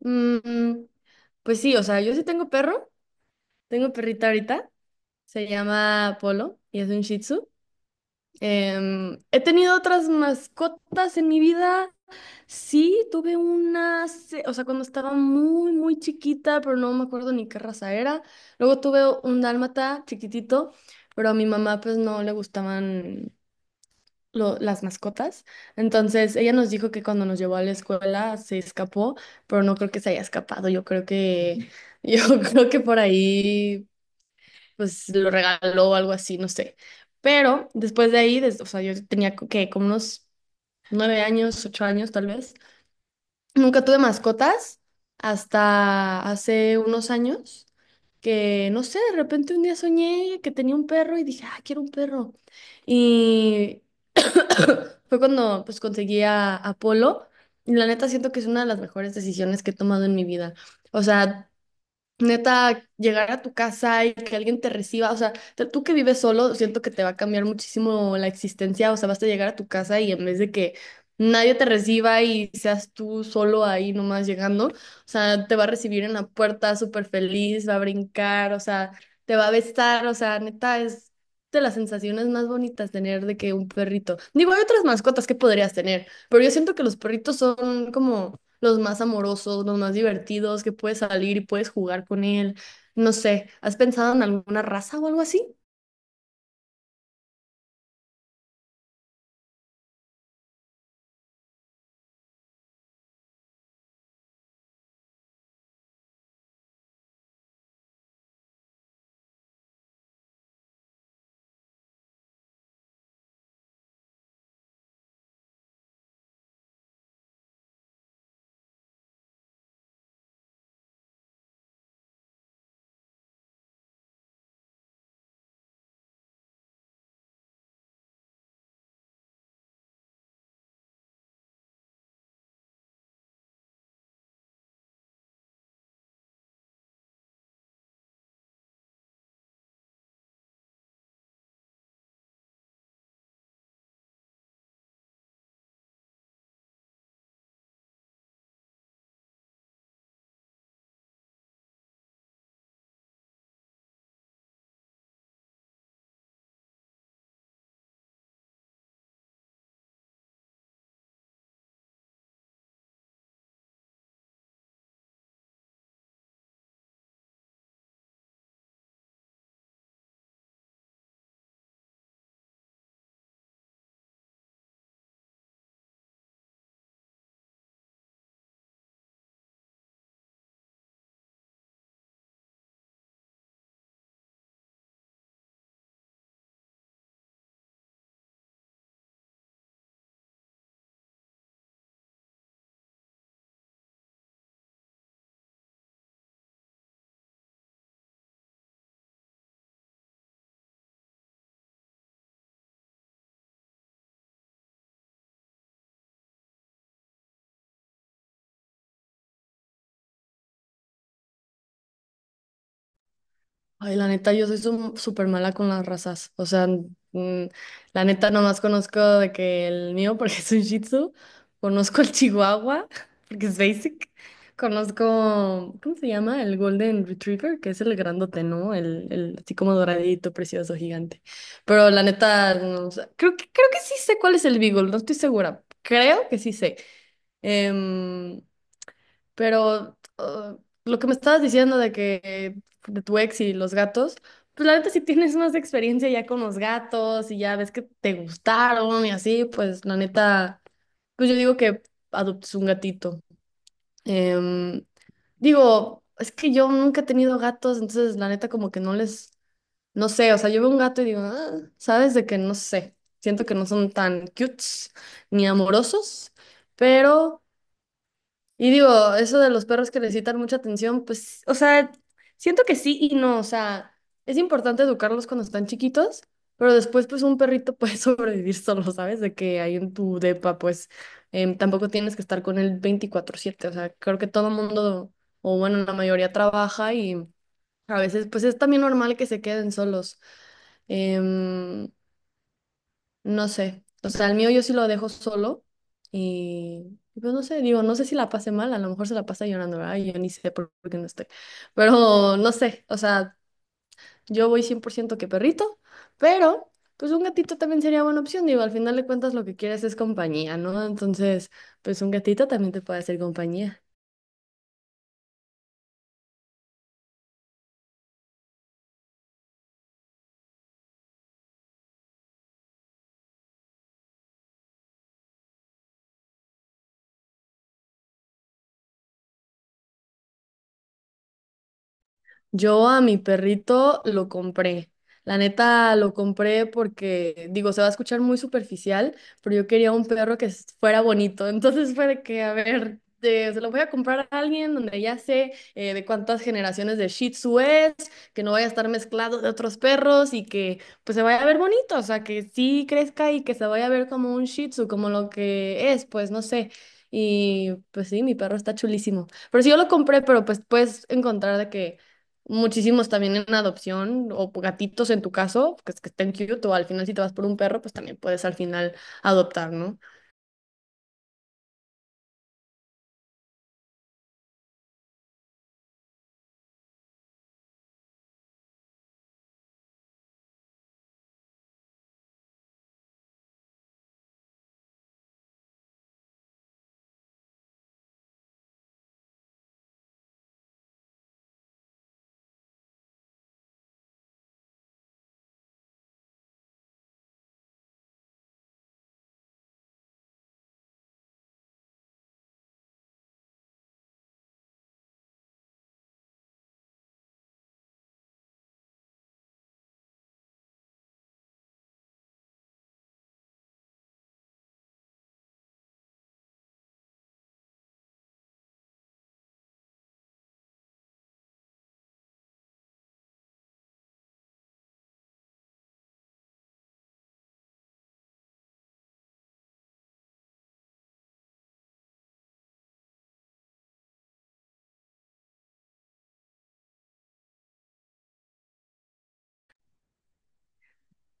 Mm, pues sí, o sea, yo sí tengo perro, tengo perrita ahorita, se llama Polo y es un Shih Tzu. He tenido otras mascotas en mi vida, sí, tuve una, o sea, cuando estaba muy, muy chiquita, pero no me acuerdo ni qué raza era. Luego tuve un dálmata chiquitito, pero a mi mamá pues no le gustaban las mascotas. Entonces, ella nos dijo que cuando nos llevó a la escuela se escapó, pero no creo que se haya escapado. Yo creo que, yo creo que por ahí, pues lo regaló o algo así, no sé. Pero después de ahí, o sea, yo tenía que como unos 9 años, 8 años tal vez. Nunca tuve mascotas hasta hace unos años, que no sé, de repente un día soñé que tenía un perro y dije, ah, quiero un perro. Y, fue cuando pues conseguí a Apolo. Y la neta siento que es una de las mejores decisiones que he tomado en mi vida. O sea, neta, llegar a tu casa y que alguien te reciba, o sea, tú que vives solo, siento que te va a cambiar muchísimo la existencia, o sea, vas a llegar a tu casa y en vez de que nadie te reciba y seas tú solo ahí nomás llegando, o sea, te va a recibir en la puerta súper feliz, va a brincar, o sea, te va a besar, o sea, neta, es de las sensaciones más bonitas tener de que un perrito. Digo, hay otras mascotas que podrías tener, pero yo siento que los perritos son como los más amorosos, los más divertidos, que puedes salir y puedes jugar con él. No sé, ¿has pensado en alguna raza o algo así? Ay, la neta, yo soy súper mala con las razas. O sea, mm, la neta, nomás conozco de que el mío, porque es un Shih Tzu. Conozco el Chihuahua, porque es basic. Conozco, ¿cómo se llama? El Golden Retriever, que es el grandote, ¿no? El así como doradito, precioso, gigante. Pero la neta, no, o sea, creo que sí sé cuál es el Beagle, no estoy segura. Creo que sí sé. Em, pero lo que me estabas diciendo de que de tu ex y los gatos, pues la neta si tienes más experiencia ya con los gatos y ya ves que te gustaron y así, pues la neta, pues yo digo que adoptes un gatito. Em, Digo, es que yo nunca he tenido gatos, entonces la neta como que no les, no sé, o sea, yo veo un gato y digo, "Ah", sabes de que no sé, siento que no son tan cutes ni amorosos, pero... Y digo, eso de los perros que necesitan mucha atención, pues, o sea, siento que sí y no, o sea, es importante educarlos cuando están chiquitos, pero después, pues, un perrito puede sobrevivir solo, ¿sabes? De que ahí en tu depa, pues, tampoco tienes que estar con él 24/7, o sea, creo que todo mundo, o bueno, la mayoría trabaja y a veces, pues, es también normal que se queden solos. Em, no sé, o sea, el mío yo sí lo dejo solo y pues no sé, digo, no sé si la pase mal, a lo mejor se la pasa llorando, ¿verdad? Yo ni sé por qué no estoy, pero no sé, o sea, yo voy 100% que perrito, pero pues un gatito también sería buena opción, digo, al final de cuentas lo que quieres es compañía, ¿no? Entonces, pues un gatito también te puede hacer compañía. Yo a mi perrito lo compré. La neta lo compré porque, digo, se va a escuchar muy superficial, pero yo quería un perro que fuera bonito. Entonces fue de que, a ver, se lo voy a comprar a alguien donde ya sé, de cuántas generaciones de Shih Tzu es, que no vaya a estar mezclado de otros perros y que pues se vaya a ver bonito, o sea, que sí crezca y que se vaya a ver como un Shih Tzu, como lo que es, pues no sé. Y pues sí, mi perro está chulísimo. Pero sí, yo lo compré, pero pues puedes encontrar de que muchísimos también en adopción o gatitos en tu caso, que estén cute o al final si te vas por un perro, pues también puedes al final adoptar, ¿no?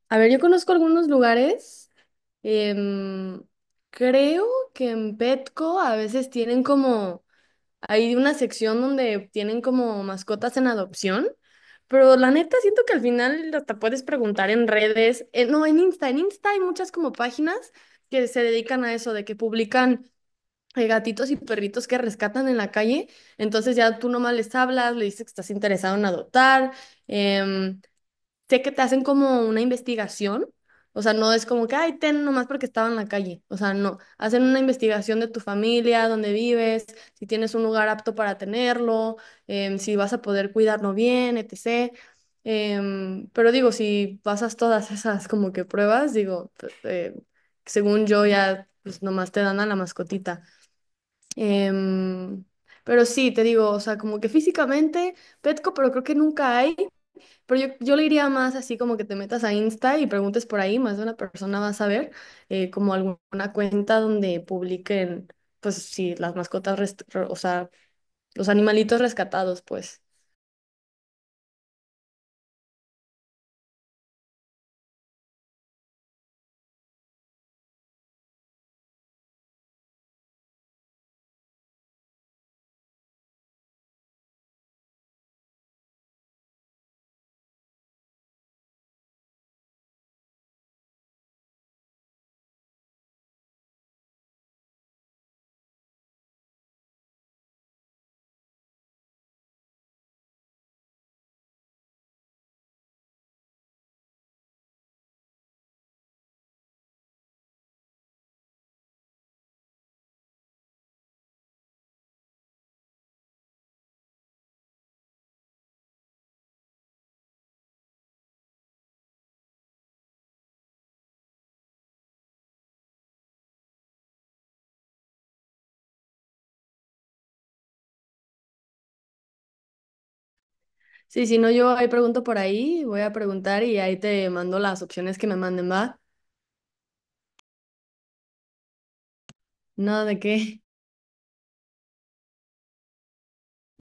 A ver, yo conozco algunos lugares. em, Creo que en Petco a veces tienen como, hay una sección donde tienen como mascotas en adopción, pero la neta siento que al final hasta puedes preguntar en redes, no, en Insta hay muchas como páginas que se dedican a eso, de que publican hay gatitos y perritos que rescatan en la calle, entonces ya tú nomás les hablas, le dices que estás interesado en adoptar. em, Sé que te hacen como una investigación, o sea, no es como que, ay, ten nomás porque estaba en la calle, o sea, no, hacen una investigación de tu familia, dónde vives, si tienes un lugar apto para tenerlo, em, si vas a poder cuidarlo bien, etc. Pero digo, si pasas todas esas como que pruebas, digo, pues, según yo ya, pues nomás te dan a la mascotita. Em, pero sí, te digo, o sea, como que físicamente, Petco, pero creo que nunca hay. Pero yo le iría más así como que te metas a Insta y preguntes por ahí, más de una persona va a saber, como alguna cuenta donde publiquen, pues sí, las mascotas, o sea, los animalitos rescatados, pues. Sí, si no, yo ahí pregunto por ahí, voy a preguntar y ahí te mando las opciones que me manden, ¿va? Nada de qué.